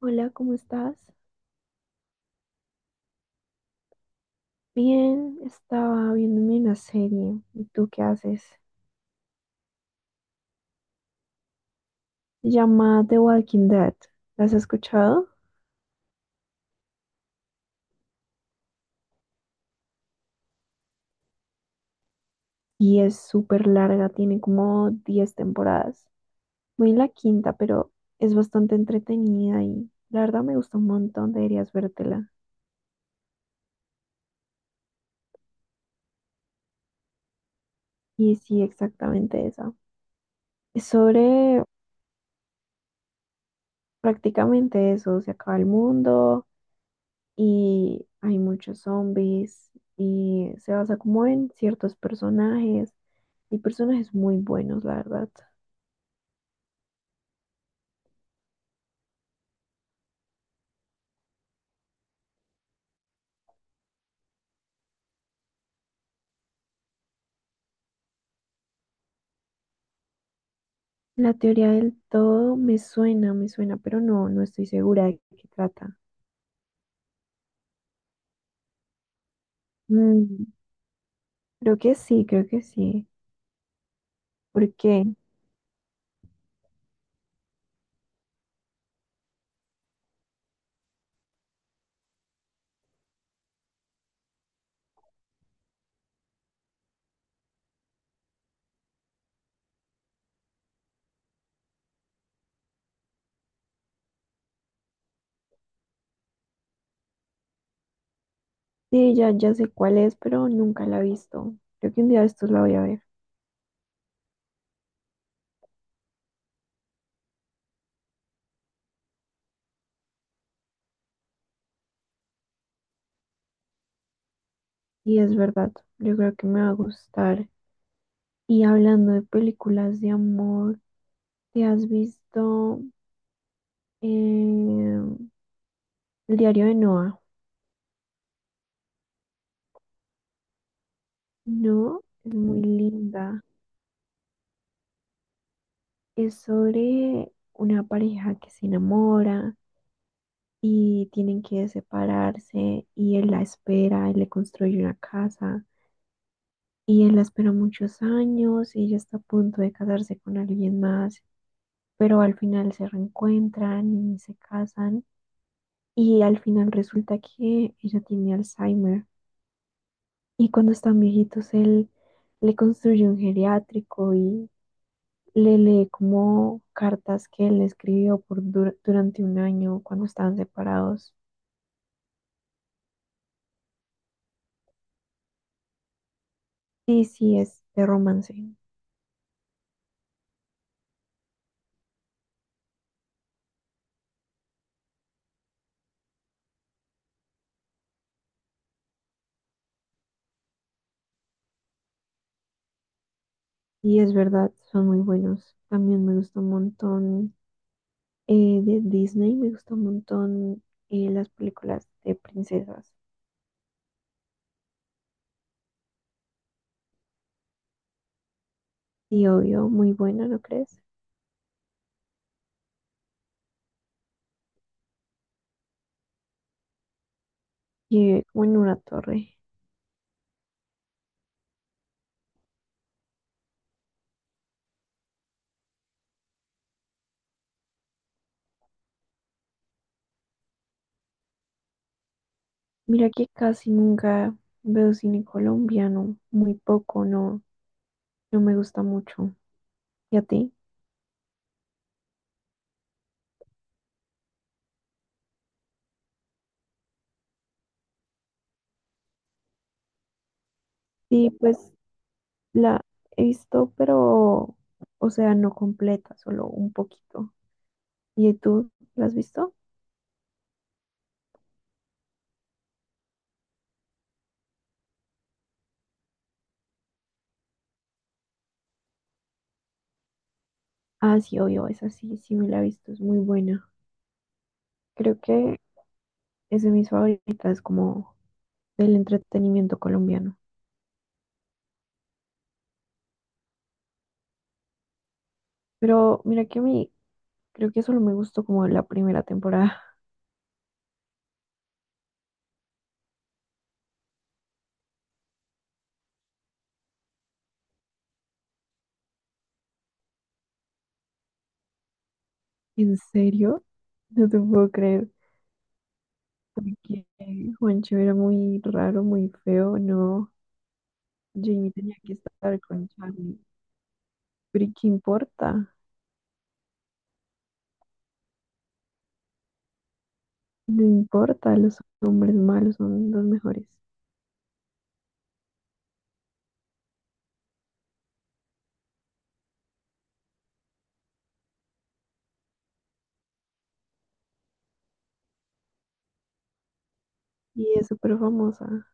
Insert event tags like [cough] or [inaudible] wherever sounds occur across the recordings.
Hola, ¿cómo estás? Bien, estaba viéndome una serie. ¿Y tú qué haces? Se llama The Walking Dead. ¿La has escuchado? Y es súper larga, tiene como 10 temporadas. Voy en la quinta, pero es bastante entretenida y la verdad me gusta un montón, deberías vértela. Y sí, exactamente esa. Es sobre prácticamente eso, se acaba el mundo, y hay muchos zombies y se basa como en ciertos personajes y personajes muy buenos, la verdad. La teoría del todo me suena, pero no, no estoy segura de qué trata. Mm, creo que sí, creo que sí. Porque sí, ya, ya sé cuál es, pero nunca la he visto. Creo que un día de estos la voy a ver. Y es verdad, yo creo que me va a gustar. Y hablando de películas de amor, ¿te has visto? em, El diario de Noah. No, es muy linda. Es sobre una pareja que se enamora y tienen que separarse y él la espera, él le construye una casa y él la espera muchos años y ella está a punto de casarse con alguien más, pero al final se reencuentran y se casan y al final resulta que ella tiene Alzheimer y cuando están viejitos él le construye un geriátrico y le lee como cartas que él escribió por durante 1 año cuando estaban separados. Sí, sí, es de romance. Y es verdad, son muy buenos. También me gusta un montón de Disney, me gusta un montón las películas de princesas. Y obvio, muy buena, ¿no crees? Y como en una torre. Mira que casi nunca veo cine colombiano, muy poco, no, no me gusta mucho. ¿Y a ti? Sí, pues la he visto, pero, o sea, no completa, solo un poquito. ¿Y tú la has visto? Ah, sí, obvio, esa sí, sí me la he visto, es muy buena. Creo que es de mis favoritas como del entretenimiento colombiano. Pero mira que a mí, creo que solo me gustó como la primera temporada. [laughs] ¿En serio? No te puedo creer. Porque Juancho era muy raro, muy feo, no. Jamie tenía que estar con Charlie. Pero ¿y qué importa? No importa, los hombres malos son los mejores. Y es súper famosa.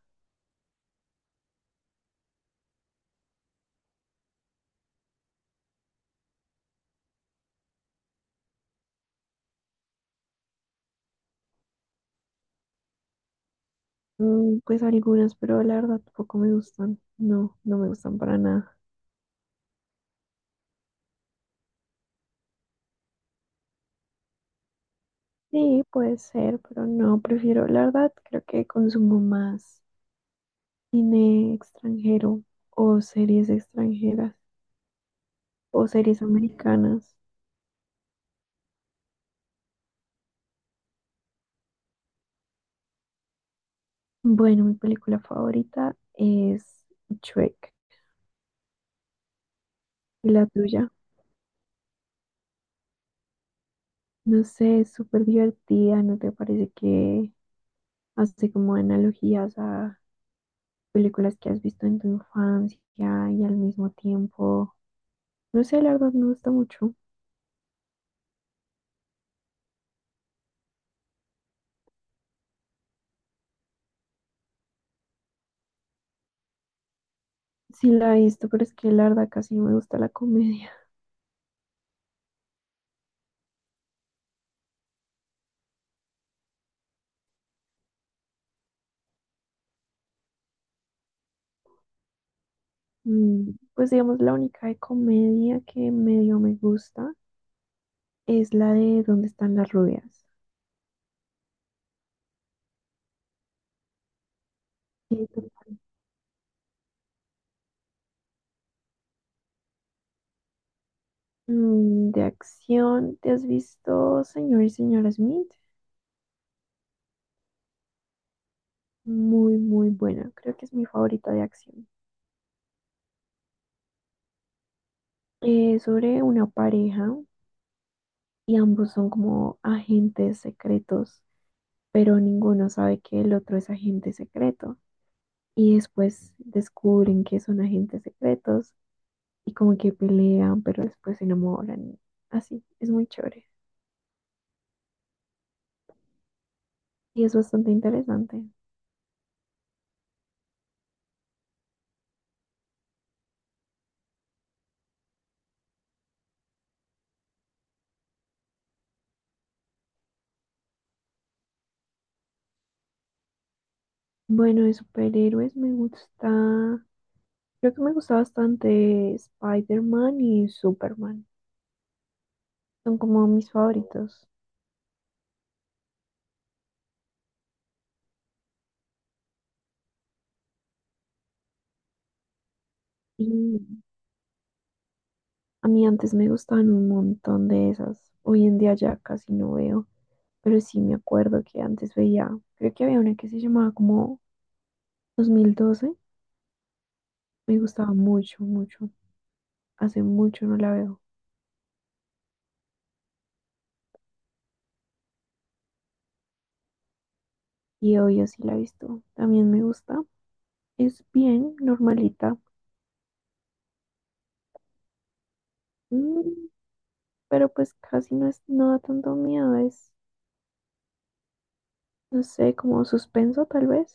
Mm, pues algunas, pero la verdad poco me gustan. No, no me gustan para nada. Sí, puede ser, pero no, prefiero, la verdad, creo que consumo más cine extranjero o series extranjeras o series americanas. Bueno, mi película favorita es Shrek. ¿Y la tuya? No sé, es súper divertida, ¿no te parece que hace como analogías a películas que has visto en tu infancia y al mismo tiempo, no sé, la verdad me gusta mucho. Sí la he visto, pero es que la verdad casi no me gusta la comedia. [laughs] Mm, pues digamos, la única de comedia que medio me gusta es la de ¿Dónde están las rubias? Y tú, de acción, ¿te has visto Señor y Señora Smith? Muy, muy buena. Creo que es mi favorita de acción. Sobre una pareja y ambos son como agentes secretos pero ninguno sabe que el otro es agente secreto. Y después descubren que son agentes secretos y como que pelean, pero después se enamoran. Así, es muy chévere y es bastante interesante. Bueno, de superhéroes me gusta, creo que me gusta bastante Spider-Man y Superman. Son como mis favoritos. Y a mí antes me gustaban un montón de esas. Hoy en día ya casi no veo. Pero sí me acuerdo que antes veía, creo que había una que se llamaba como 2012. Me gustaba mucho, mucho. Hace mucho no la veo. Y hoy sí la he visto. También me gusta. Es bien normalita. Mm, pero pues casi no es, no da tanto miedo. Es, no sé, como suspenso tal vez.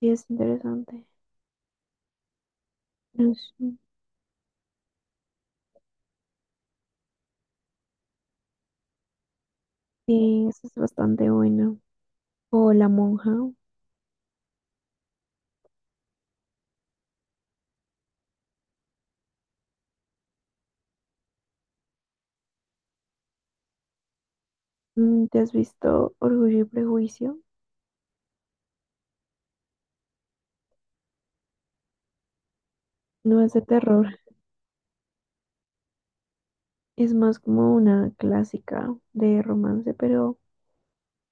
Sí, es interesante. No sé. Sí, esa es bastante buena. O La Monja. Mm, ¿te has visto Orgullo y Prejuicio? No es de terror. Es más como una clásica de romance, pero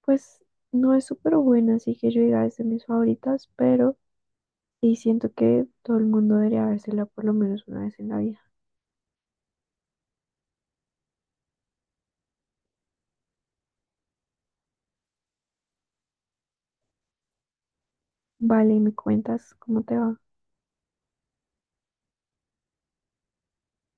pues no es súper buena, así que yo diga es de mis favoritas, pero sí siento que todo el mundo debería vérsela por lo menos una vez en la vida. Vale, ¿me cuentas cómo te va?